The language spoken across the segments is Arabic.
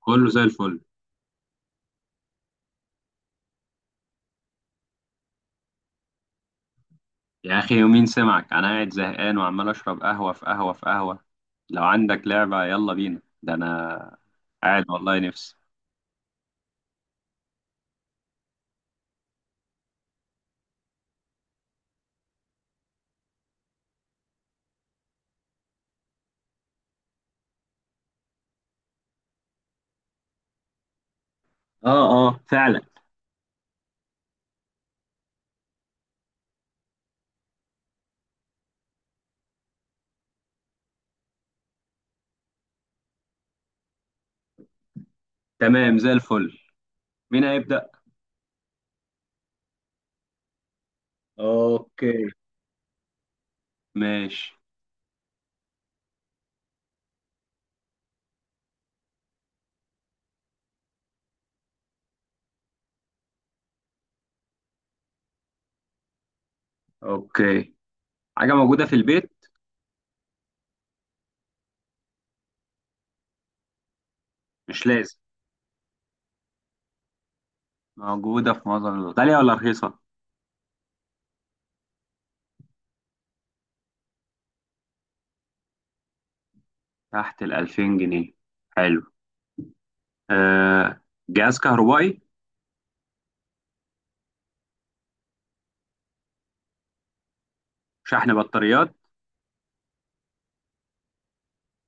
كله زي الفل. يا اخي يومين سمعك انا قاعد زهقان وعمال اشرب قهوه في قهوه في قهوه. لو عندك لعبه يلا بينا، ده انا قاعد والله نفسي. اه اه فعلا. تمام زي الفل. مين هيبدا؟ اوكي. ماشي. اوكي. حاجه موجوده في البيت؟ مش لازم موجوده في معظم الوقت، غاليه ولا رخيصه؟ تحت ال 2000 جنيه؟ حلو. آه. جهاز كهربائي؟ شحن بطاريات.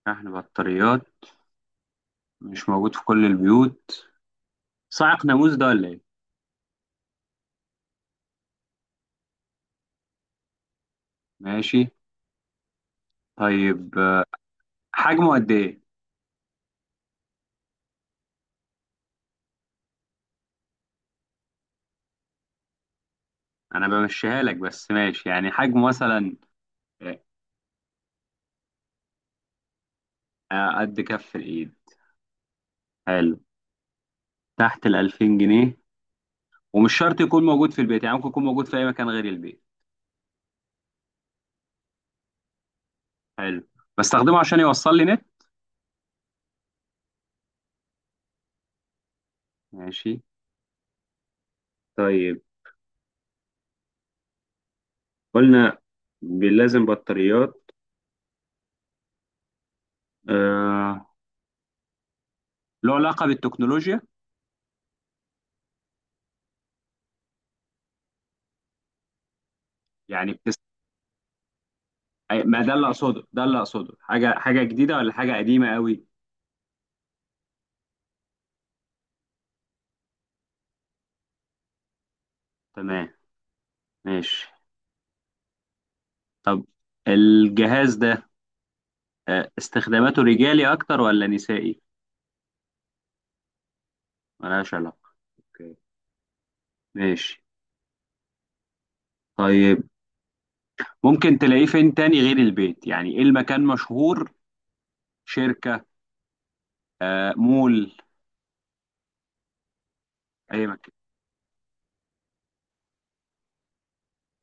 شحن بطاريات. مش موجود في كل البيوت. صاعق ناموس ده ولا ايه؟ ماشي. طيب، حجمه قد ايه؟ انا بمشيها لك بس، ماشي يعني حجمه مثلا. قد كف الايد. حلو. تحت ال 2000 جنيه، ومش شرط يكون موجود في البيت، يعني ممكن يكون موجود في اي مكان غير البيت. حلو. بستخدمه عشان يوصل لي نت؟ ماشي. طيب، قلنا لازم بطاريات. آه. له علاقة بالتكنولوجيا؟ يعني بتس... ما ده اللي اقصده، ده اللي اقصده، حاجة جديدة ولا حاجة قديمة قوي؟ تمام. ماشي. طب الجهاز ده، استخداماته رجالي اكتر ولا نسائي؟ ملهاش علاقة. اوكي. ماشي. طيب، ممكن تلاقيه فين تاني غير البيت، يعني ايه المكان مشهور شركة؟ مول؟ اي مكان؟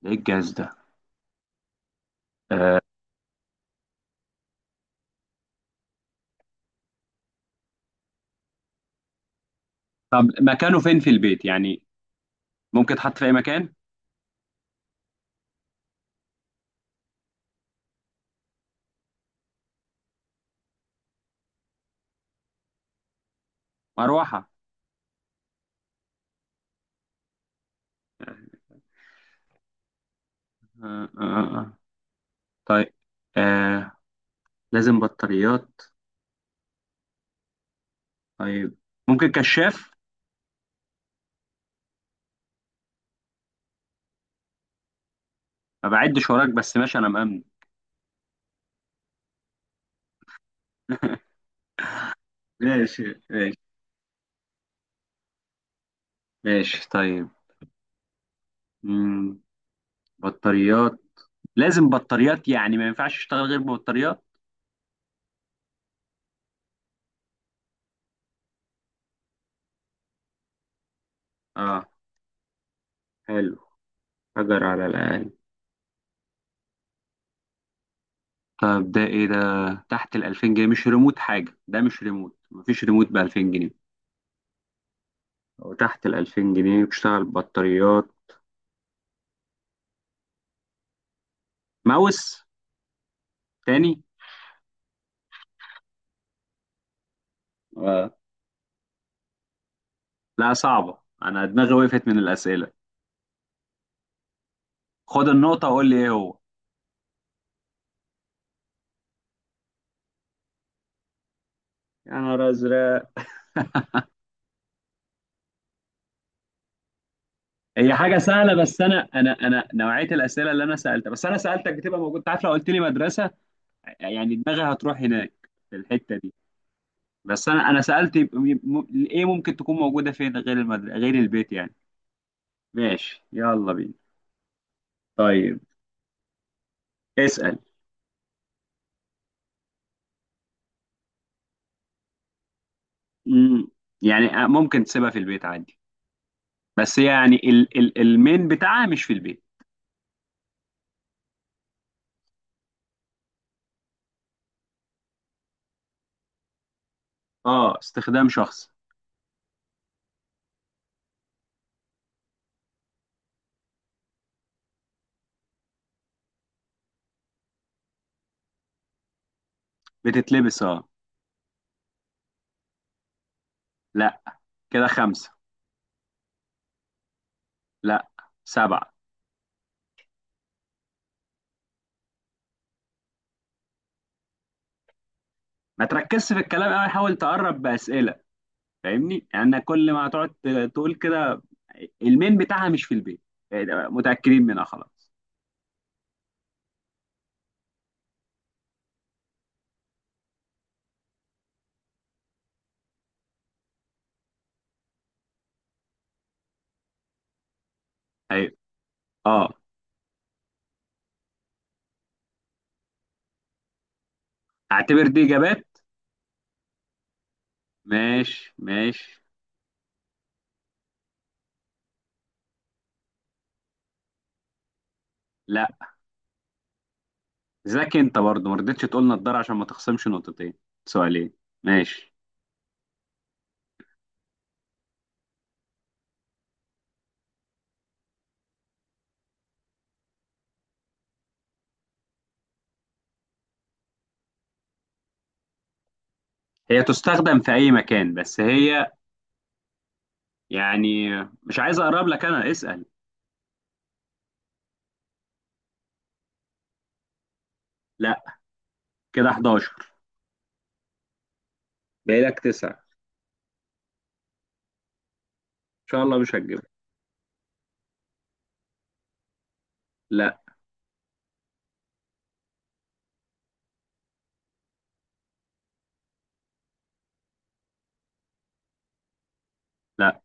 ده ايه الجهاز ده؟ آه، طب مكانه فين في البيت يعني؟ ممكن تحط في اي مكان؟ مروحة؟ آه، آه، آه. آه. طيب. آه. لازم بطاريات. طيب، ممكن كشاف؟ ما بعدش وراك بس، ماشي انا مأمن. ماشي. ماشي. ماشي. طيب. مم. بطاريات. لازم بطاريات، يعني ما ينفعش اشتغل غير ببطاريات. اه. حلو. حجر على الاقل. طب ده ايه، ده تحت ال 2000 جنيه، مش ريموت حاجه؟ ده مش ريموت، مفيش ريموت ب 2000 جنيه. وتحت ال 2000 جنيه، بتشتغل بطاريات. ماوس؟ تاني. اه، لا صعبه، انا دماغي وقفت من الاسئله. خد النقطه وقول لي ايه هو. يا نهار ازرق. هي حاجه سهله، بس انا نوعيه الاسئله اللي انا سالتها، بس انا سالتك بتبقى موجود. أنت عارف لو قلت لي مدرسه يعني دماغي هتروح هناك في الحته دي. بس انا سالت، ايه ممكن تكون موجوده فين غير المدرسه غير البيت يعني؟ ماشي يلا بينا. طيب اسال. مم. يعني آه، ممكن تسيبها في البيت عادي، بس يعني ال المين بتاعها مش في البيت. اه، استخدام شخصي. بتتلبس اه. لا. كده خمسه. لا. سبعه. ما تركزش في الكلام قوي، حاول تقرب باسئله. فاهمني؟ يعني كل ما هتقعد تقول كده، المين بتاعها مش في البيت، إيه ده، متاكدين منها خلاص؟ ايوه. اه. اعتبر دي اجابات. ماشي، ماشي. لا. ذاك انت برضه ما رضيتش تقول نضاره عشان ما تخصمش نقطتين. سؤالين. ماشي. هي تستخدم في اي مكان، بس هي يعني مش عايز اقرب لك، انا اسأل. لا. كده 11. باقي لك 9، ان شاء الله مش هتجيبها. لا. لا.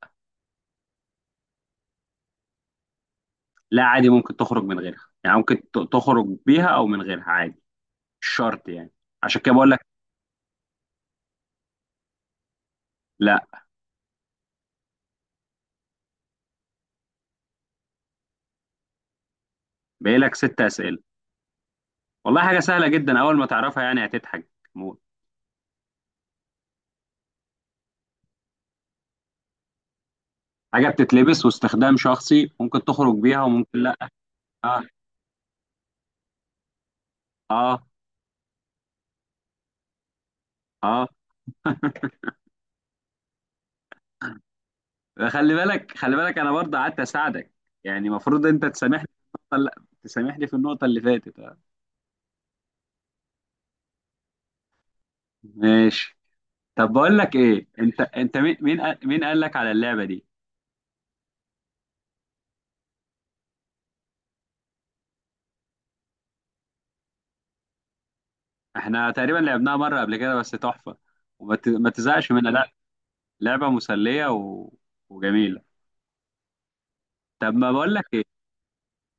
لا، عادي ممكن تخرج من غيرها، يعني ممكن تخرج بيها او من غيرها عادي، مش شرط يعني، عشان كده بقول لك. لا. باقي لك ست اسئله. والله حاجه سهله جدا، اول ما تعرفها يعني هتضحك موت. حاجه بتتلبس واستخدام شخصي، ممكن تخرج بيها وممكن لا. اه. اه. اه، خلي بالك، خلي بالك، انا برضه قعدت اساعدك، يعني المفروض انت تسامحني في النقطه اللي، تسامحني في النقطه اللي فاتت. آه. ماشي. طب بقول لك ايه، انت مين قال لك على اللعبه دي؟ احنا تقريبا لعبناها مره قبل كده، بس تحفه وما ما تزهقش منها لا. لعبه مسليه وجميله. طب ما بقول لك ايه،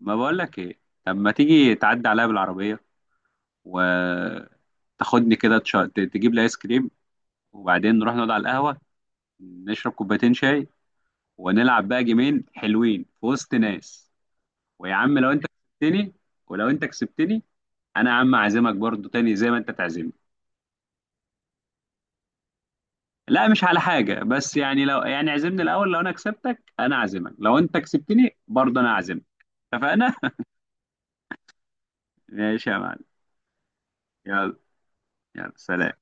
ما بقول لك ايه، طب ما تيجي تعدي عليا بالعربيه وتاخدني كده، تجيب لي ايس كريم، وبعدين نروح نقعد على القهوه، نشرب كوبايتين شاي، ونلعب بقى جيمين حلوين في وسط ناس. ويا عم لو انت كسبتني، ولو انت كسبتني، انا يا عم اعزمك برضو تاني زي ما انت تعزمني. لا مش على حاجة، بس يعني لو يعني عزمني الاول، لو انا كسبتك انا اعزمك، لو انت كسبتني برضو انا اعزمك. اتفقنا؟ ماشي يا معلم. يلا. يلا سلام.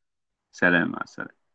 سلام مع السلامة.